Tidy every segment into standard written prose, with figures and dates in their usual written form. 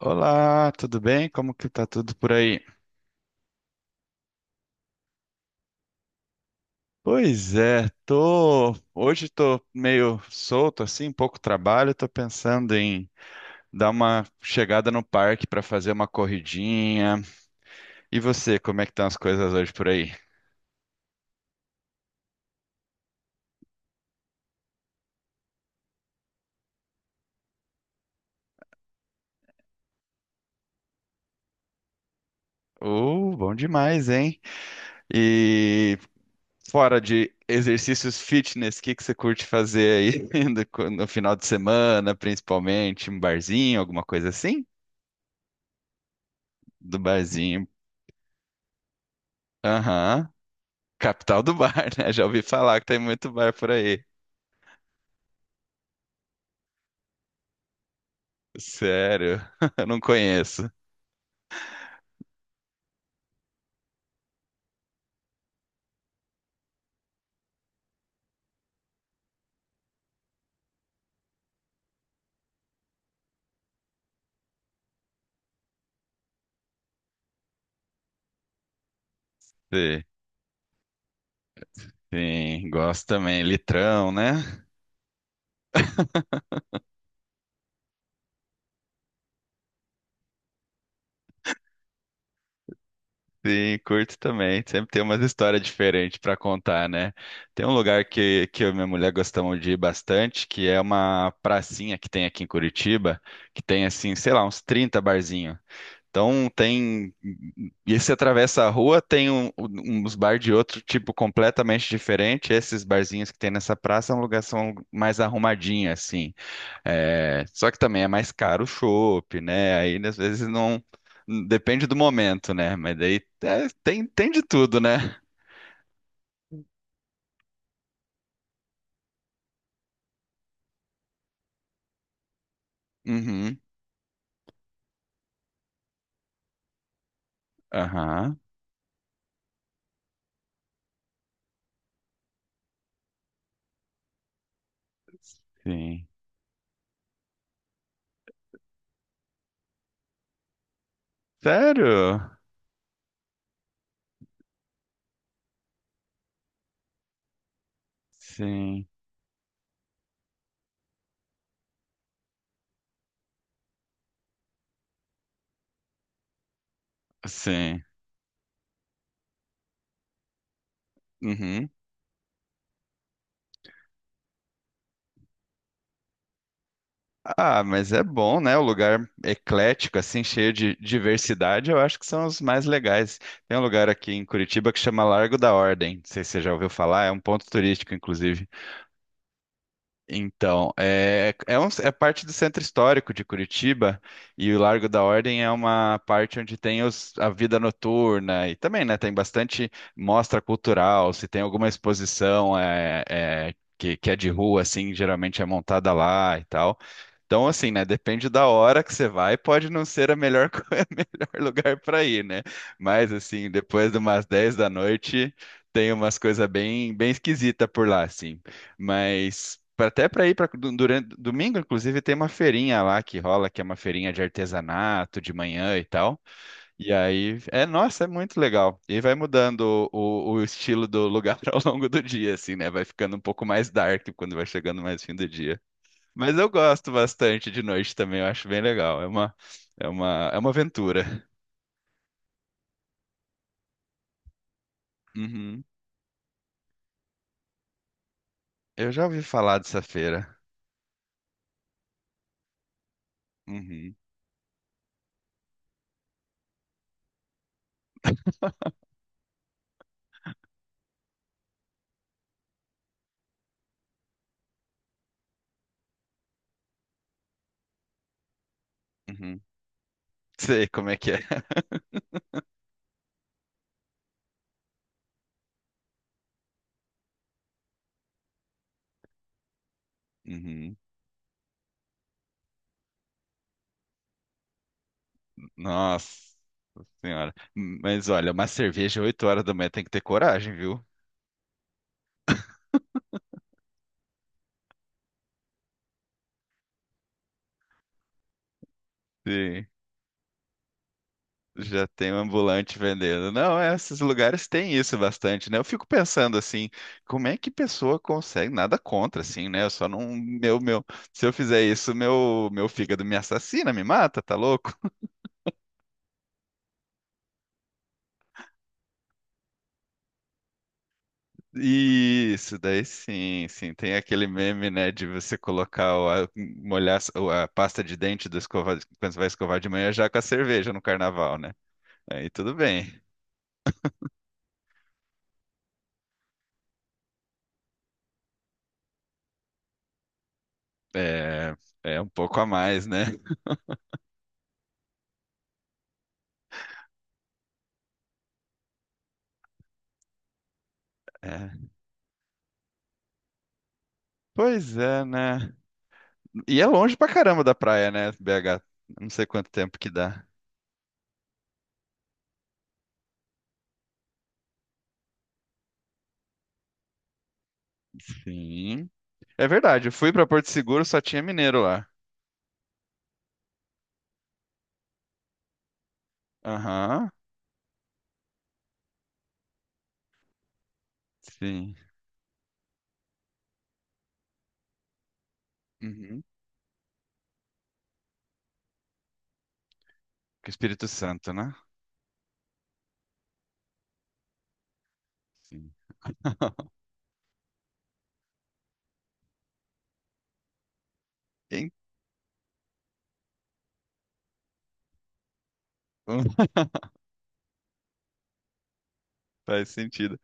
Olá, tudo bem? Como que tá tudo por aí? Pois é, tô hoje, tô meio solto assim, pouco trabalho, tô pensando em dar uma chegada no parque para fazer uma corridinha. E você, como é que estão as coisas hoje por aí? Bom demais, hein? E fora de exercícios fitness, o que que você curte fazer aí no final de semana, principalmente um barzinho, alguma coisa assim? Do barzinho. Aham. Capital do bar, né? Já ouvi falar que tem muito bar por aí. Sério, eu não conheço. Sim, sim, gosto também. Litrão, né? Sim, curto também. Sempre tem umas histórias diferentes para contar, né? Tem um lugar que eu e minha mulher gostamos de ir bastante, que é uma pracinha que tem aqui em Curitiba, que tem assim, sei lá, uns 30 barzinhos. Então tem. E se atravessa a rua, tem uns bar de outro tipo completamente diferente. Esses barzinhos que tem nessa praça é um lugar são mais arrumadinho, assim. É, só que também é mais caro o chopp, né? Aí às vezes não. Depende do momento, né? Mas daí é, tem de tudo, né? Uhum. Aham. Sim. Sério? Sim. Sim. Uhum. Ah, mas é bom, né? O lugar eclético, assim, cheio de diversidade, eu acho que são os mais legais. Tem um lugar aqui em Curitiba que chama Largo da Ordem. Não sei se você já ouviu falar, é um ponto turístico, inclusive. Então, é parte do centro histórico de Curitiba, e o Largo da Ordem é uma parte onde tem a vida noturna e também, né? Tem bastante mostra cultural, se tem alguma exposição, que é de rua, assim, geralmente é montada lá e tal. Então, assim, né? Depende da hora que você vai, pode não ser a melhor, a melhor lugar para ir, né? Mas, assim, depois de umas 10 da noite, tem umas coisas bem, bem esquisitas por lá, assim. Mas, até para ir para durante domingo, inclusive, tem uma feirinha lá que rola, que é uma feirinha de artesanato de manhã e tal. E aí, é, nossa, é muito legal. E vai mudando o estilo do lugar ao longo do dia, assim, né? Vai ficando um pouco mais dark quando vai chegando mais fim do dia. Mas eu gosto bastante de noite também, eu acho bem legal. É uma aventura. Uhum. Eu já ouvi falar dessa feira. Uhum, uhum. Sei como é que é. Uhum. Nossa senhora. Mas olha, uma cerveja 8 horas da manhã tem que ter coragem, viu? Sim. Já tem um ambulante vendendo. Não, é, esses lugares têm isso bastante, né? Eu fico pensando assim, como é que pessoa consegue? Nada contra, assim, né? Eu só não, meu, se eu fizer isso, meu fígado me assassina, me mata, tá louco? Isso, daí sim, sim. Tem aquele meme, né, de você colocar, molhar a pasta de dente do escova, quando você vai escovar de manhã já com a cerveja no carnaval, né? Aí tudo bem. É, é um pouco a mais, né? É. Pois é, né? E é longe pra caramba da praia, né, BH? Não sei quanto tempo que dá. Sim. É verdade, eu fui pra Porto Seguro, só tinha mineiro lá. Aham, sim. Uhum. Com o Espírito Santo, né? Sim. Então, faz sentido.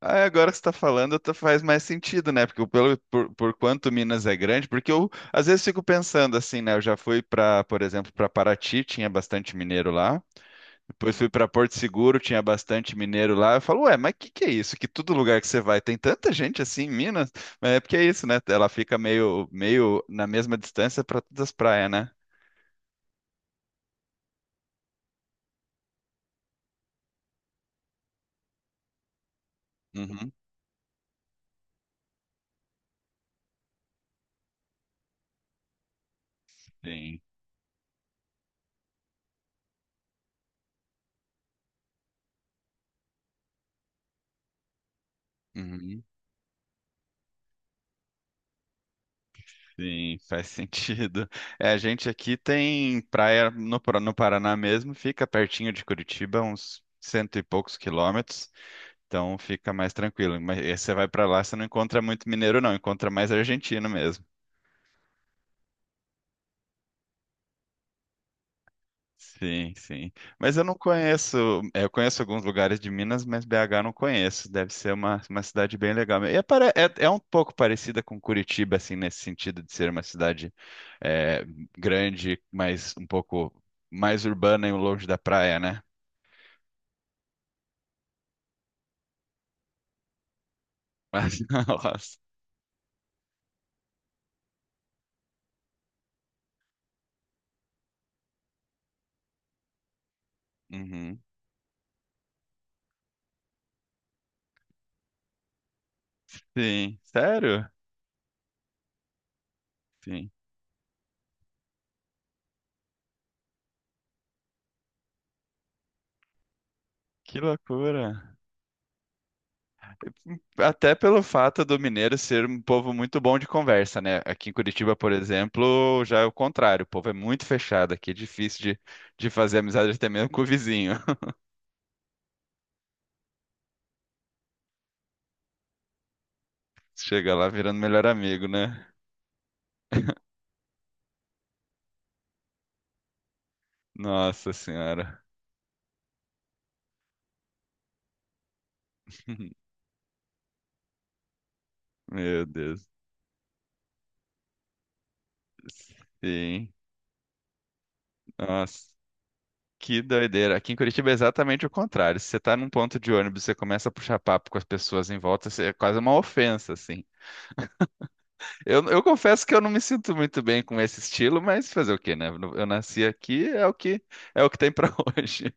Ah, agora que você está falando, faz mais sentido, né? Porque por quanto Minas é grande, porque eu às vezes fico pensando assim, né? Eu já fui para, por exemplo, para Paraty, tinha bastante mineiro lá. Depois fui para Porto Seguro, tinha bastante mineiro lá. Eu falo, ué, mas que é isso? Que todo lugar que você vai tem tanta gente assim em Minas? Mas é porque é isso, né? Ela fica meio, meio na mesma distância para todas as praias, né? Uhum. Sim. Uhum. Sim, faz sentido. É, a gente aqui tem praia no Paraná mesmo, fica pertinho de Curitiba, uns cento e poucos quilômetros, então fica mais tranquilo. Mas aí você vai para lá, você não encontra muito mineiro, não, encontra mais argentino mesmo. Sim, sim. Mas eu não conheço. Eu conheço alguns lugares de Minas, mas BH eu não conheço. Deve ser uma cidade bem legal. E é um pouco parecida com Curitiba, assim, nesse sentido de ser uma cidade é, grande, mas um pouco mais urbana e longe da praia, né? Mas, nossa. Uhum. Sim. Sério? Sim. Que loucura. Até pelo fato do mineiro ser um povo muito bom de conversa, né? Aqui em Curitiba, por exemplo, já é o contrário. O povo é muito fechado aqui, é difícil de fazer amizade até mesmo com o vizinho. Chega lá virando melhor amigo, né? Nossa Senhora. Meu Deus. Sim. Nossa, que doideira. Aqui em Curitiba é exatamente o contrário. Se você tá num ponto de ônibus, você começa a puxar papo com as pessoas em volta, é quase uma ofensa, assim. Eu confesso que eu não me sinto muito bem com esse estilo, mas fazer o quê, né? Eu nasci aqui, é o que tem pra hoje.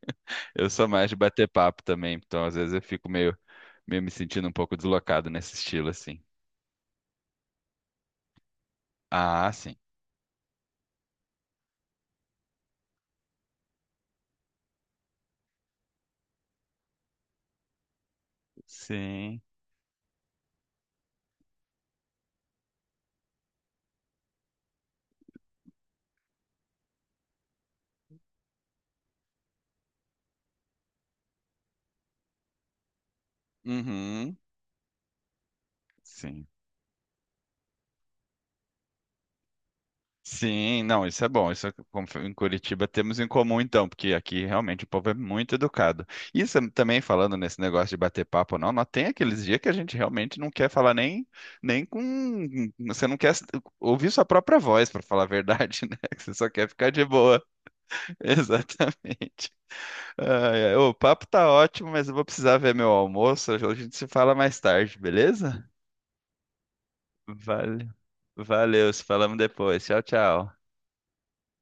Eu sou mais de bater papo também, então às vezes eu fico meio, meio me sentindo um pouco deslocado nesse estilo, assim. Ah, sim. Sim. Uhum. Sim. Sim, não, isso é bom. Isso é em Curitiba temos em comum, então, porque aqui realmente o povo é muito educado. Isso também falando nesse negócio de bater papo, não, nós tem aqueles dias que a gente realmente não quer falar nem, com. Você não quer ouvir sua própria voz, para falar a verdade, né? Que você só quer ficar de boa. Exatamente. Ai, ai, o papo tá ótimo, mas eu vou precisar ver meu almoço. A gente se fala mais tarde, beleza? Vale, valeu, se falamos depois. Tchau, tchau.